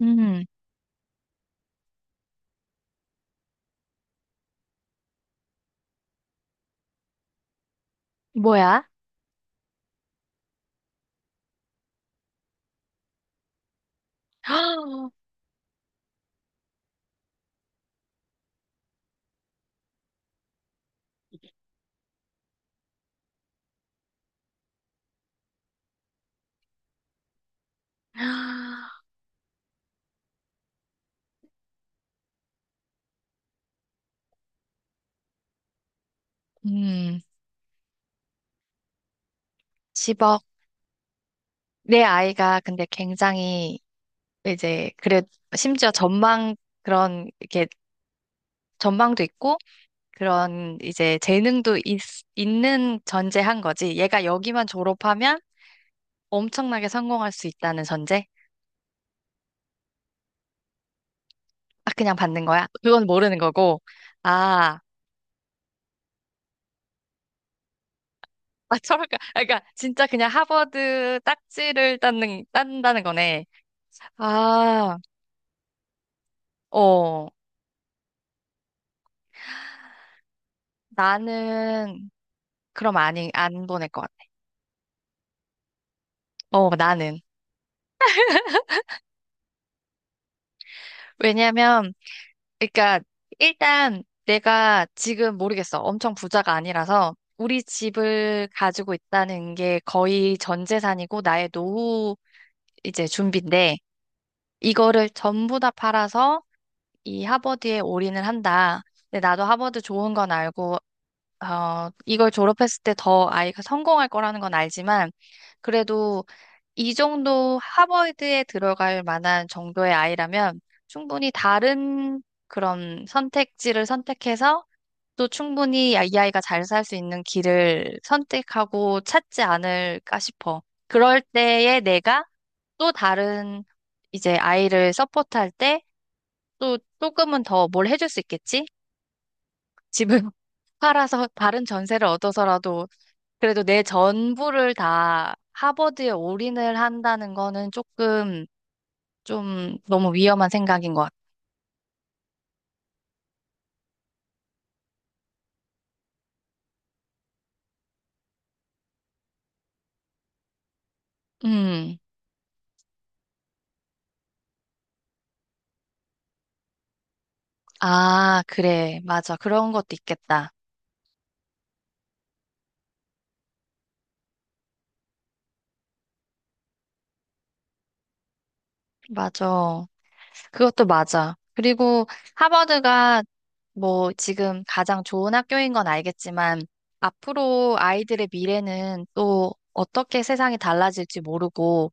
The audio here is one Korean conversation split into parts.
음, 뭐야? 음, 10억. 내 아이가 근데 굉장히 이제 그래 심지어 전망 그런 이렇게 전망도 있고 그런 이제 있는 전제한 거지. 얘가 여기만 졸업하면 엄청나게 성공할 수 있다는 전제? 아, 그냥 받는 거야? 그건 모르는 거고. 아, 철학과. 아, 그러니까 진짜 그냥 하버드 딴다는 거네. 아, 어. 나는 그럼 아니 안 보낼 것 같아. 어, 나는. 왜냐면 그러니까 일단 내가 지금 모르겠어. 엄청 부자가 아니라서 우리 집을 가지고 있다는 게 거의 전 재산이고 나의 노후 이제 준비인데, 이거를 전부 다 팔아서 이 하버드에 올인을 한다. 근데 나도 하버드 좋은 건 알고 어, 이걸 졸업했을 때 더 아이가 성공할 거라는 건 알지만 그래도 이 정도 하버드에 들어갈 만한 정도의 아이라면 충분히 다른 그런 선택지를 선택해서 또 충분히 이 아이가 잘 살 수 있는 길을 선택하고 찾지 않을까 싶어. 그럴 때에 내가 또 다른 이제 아이를 서포트할 때 또 조금은 더 뭘 해줄 수 있겠지? 집을 팔아서 다른 전세를 얻어서라도 그래도 내 전부를 다 하버드에 올인을 한다는 거는 조금 좀 너무 위험한 생각인 것 같아. 음. 아, 그래. 맞아. 그런 것도 있겠다. 맞아. 그것도 맞아. 그리고 하버드가 뭐 지금 가장 좋은 학교인 건 알겠지만 앞으로 아이들의 미래는 또 어떻게 세상이 달라질지 모르고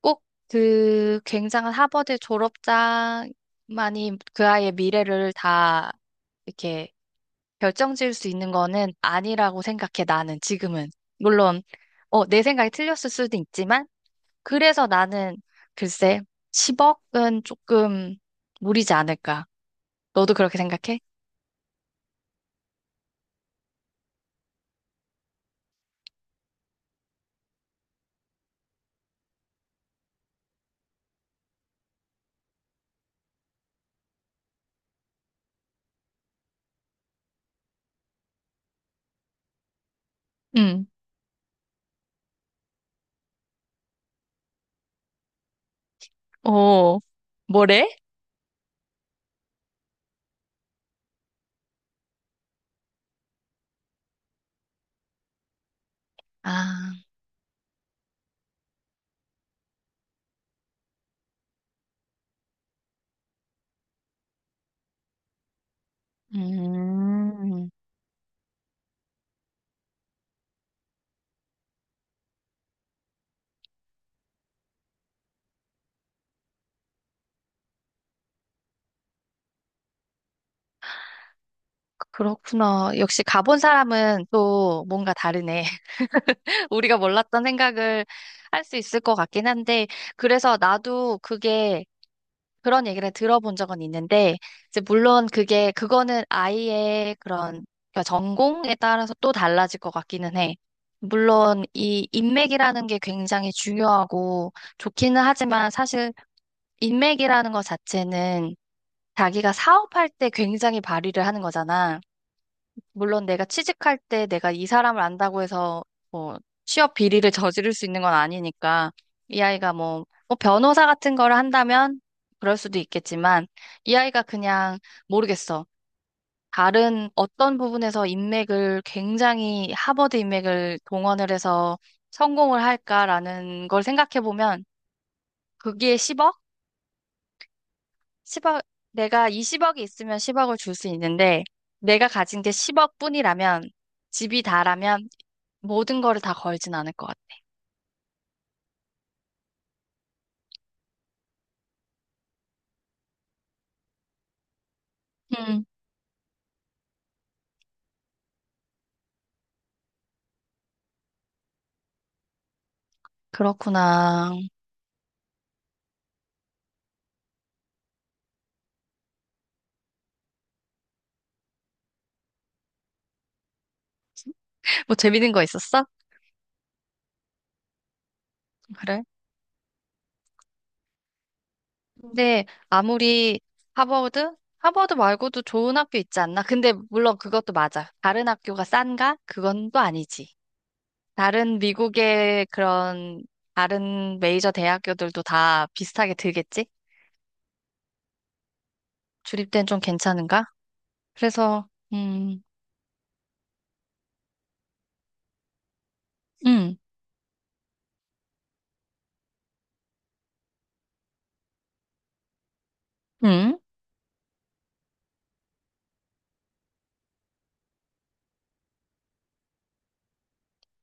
꼭 그 굉장한 하버드 졸업자만이 그 아이의 미래를 다 이렇게 결정 지을 수 있는 거는 아니라고 생각해, 나는 지금은. 물론, 어, 내 생각이 틀렸을 수도 있지만, 그래서 나는 글쎄, 10억은 조금 무리지 않을까. 너도 그렇게 생각해? 응. 어, 뭐래? 아, 음, 그렇구나. 역시 가본 사람은 또 뭔가 다르네. 우리가 몰랐던 생각을 할 수 있을 것 같긴 한데, 그래서 나도 그게 그런 얘기를 들어본 적은 있는데, 이제 물론 그거는 아이의 그런 그러니까 전공에 따라서 또 달라질 것 같기는 해. 물론 이 인맥이라는 게 굉장히 중요하고 좋기는 하지만 사실 인맥이라는 것 자체는 자기가 사업할 때 굉장히 발휘를 하는 거잖아. 물론 내가 취직할 때 내가 이 사람을 안다고 해서 뭐 취업 비리를 저지를 수 있는 건 아니니까 이 아이가 뭐 변호사 같은 거를 한다면 그럴 수도 있겠지만 이 아이가 그냥 모르겠어. 다른 어떤 부분에서 인맥을 굉장히 하버드 인맥을 동원을 해서 성공을 할까라는 걸 생각해 보면 거기에 10억? 10억. 내가 이 10억이 있으면 10억을 줄 수 있는데 내가 가진 게 10억뿐이라면 집이 다라면 모든 거를 다 걸진 않을 것 같아. 음, 그렇구나. 뭐 재밌는 거 있었어? 그래? 근데 아무리 하버드? 하버드 말고도 좋은 학교 있지 않나? 근데 물론 그것도 맞아. 다른 학교가 싼가? 그건 또 아니지. 다른 미국의 그런 다른 메이저 대학교들도 다 비슷하게 들겠지? 주립대는 좀 괜찮은가? 그래서 음, 음, 음,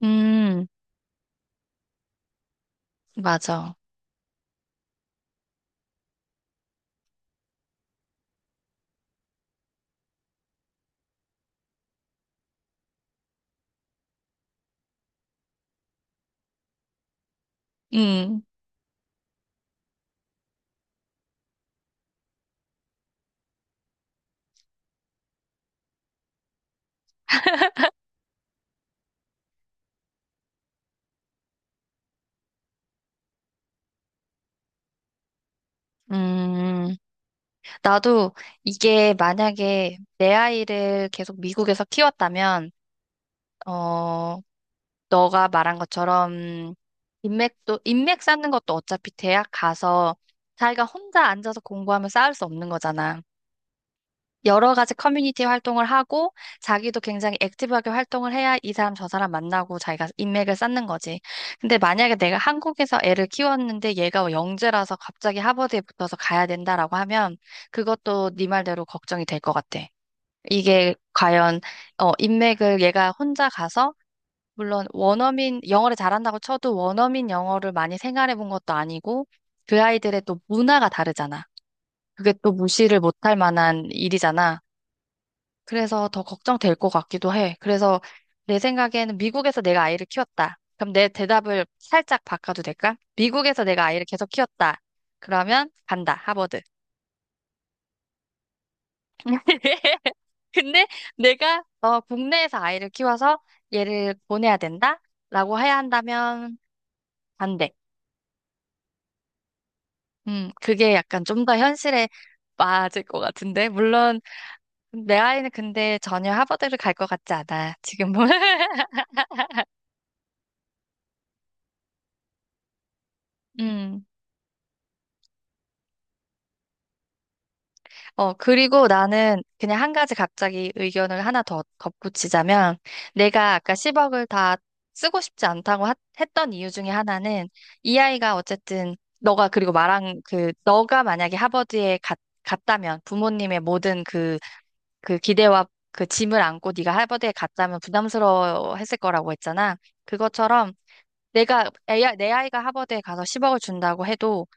음, 맞아. 음, 음. 나도 이게 만약에 내 아이를 계속 미국에서 키웠다면, 어, 너가 말한 것처럼 인맥 쌓는 것도 어차피 대학 가서 자기가 혼자 앉아서 공부하면 쌓을 수 없는 거잖아. 여러 가지 커뮤니티 활동을 하고 자기도 굉장히 액티브하게 활동을 해야 이 사람 저 사람 만나고 자기가 인맥을 쌓는 거지. 근데 만약에 내가 한국에서 애를 키웠는데 얘가 영재라서 갑자기 하버드에 붙어서 가야 된다라고 하면 그것도 네 말대로 걱정이 될 것 같아. 이게 과연 어 인맥을 얘가 혼자 가서 물론 원어민 영어를 잘한다고 쳐도 원어민 영어를 많이 생활해 본 것도 아니고 그 아이들의 또 문화가 다르잖아. 그게 또 무시를 못할 만한 일이잖아. 그래서 더 걱정될 것 같기도 해. 그래서 내 생각에는 미국에서 내가 아이를 키웠다. 그럼 내 대답을 살짝 바꿔도 될까? 미국에서 내가 아이를 계속 키웠다. 그러면 간다, 하버드. 근데 내가 어, 국내에서 아이를 키워서 얘를 보내야 된다? 라고 해야 한다면 반대. 그게 약간 좀 더 현실에 맞을 것 같은데. 물론 내 아이는 근데 전혀 하버드를 갈 것 같지 않아, 지금은. 음. 어, 그리고 나는 그냥 한 가지 갑자기 의견을 하나 더 덧붙이자면, 내가 아까 10억을 다 쓰고 싶지 않다고 하- 했던 이유 중에 하나는, 이 아이가 어쨌든, 너가 그리고 말한 그, 너가 만약에 갔다면, 부모님의 모든 그, 그 기대와 그 짐을 안고 네가 하버드에 갔다면 부담스러워 했을 거라고 했잖아. 그것처럼, 내가 내 아이가 하버드에 가서 10억을 준다고 해도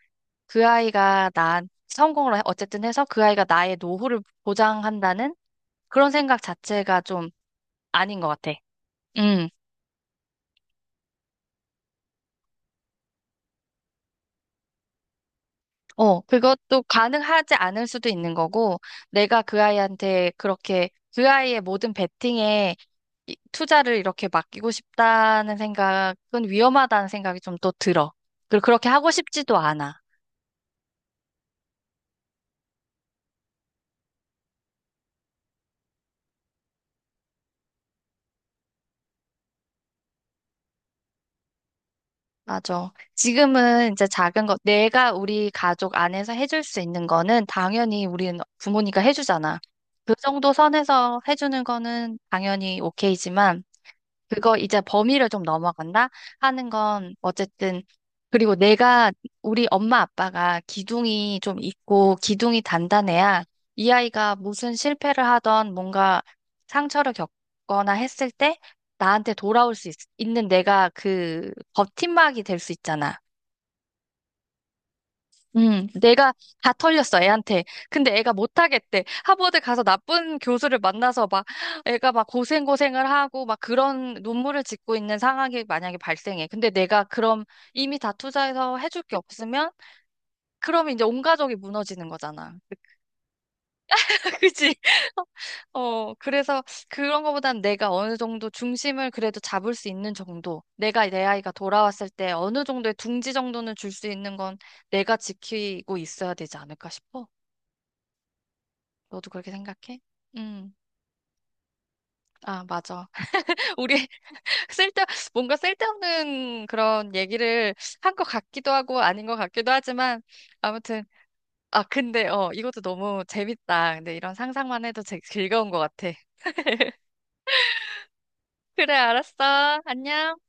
그 아이가 나 성공을 어쨌든 해서 그 아이가 나의 노후를 보장한다는 그런 생각 자체가 좀 아닌 것 같아. 음, 어, 그것도 가능하지 않을 수도 있는 거고, 내가 그 아이한테 그렇게 그 아이의 모든 베팅에 투자를 이렇게 맡기고 싶다는 생각은 위험하다는 생각이 좀 또 들어. 그리고 그렇게 하고 싶지도 않아. 맞아. 지금은 이제 작은 것, 내가 우리 가족 안에서 해줄 수 있는 거는 당연히 우리는 부모니까 해주잖아. 그 정도 선에서 해주는 거는 당연히 오케이지만, 그거 이제 범위를 좀 넘어간다 하는 건 어쨌든 그리고 내가 우리 엄마 아빠가 기둥이 좀 있고 기둥이 단단해야 이 아이가 무슨 실패를 하던 뭔가 상처를 겪거나 했을 때 나한테 돌아올 수 있, 는 내가 그 버팀막이 될 수 있잖아. 내가 다 털렸어, 애한테. 근데 애가 못하겠대. 하버드 가서 나쁜 교수를 만나서 막, 애가 막 고생고생을 하고, 막 그런 눈물을 짓고 있는 상황이 만약에 발생해. 근데 내가 그럼 이미 다 투자해서 해줄 게 없으면, 그럼 이제 온 가족이 무너지는 거잖아. 그치? 어, 그래서 그런 거보단 내가 어느 정도 중심을 그래도 잡을 수 있는 정도. 내가 내 아이가 돌아왔을 때 어느 정도의 둥지 정도는 줄 수 있는 건 내가 지키고 있어야 되지 않을까 싶어. 너도 그렇게 생각해? 음, 아, 맞아. 우리 쓸데, 뭔가 쓸데없는 그런 얘기를 한 것 같기도 하고 아닌 것 같기도 하지만 아무튼, 아, 근데, 어, 이것도 너무 재밌다. 근데 이런 상상만 해도 즐거운 것 같아. 그래, 알았어. 안녕.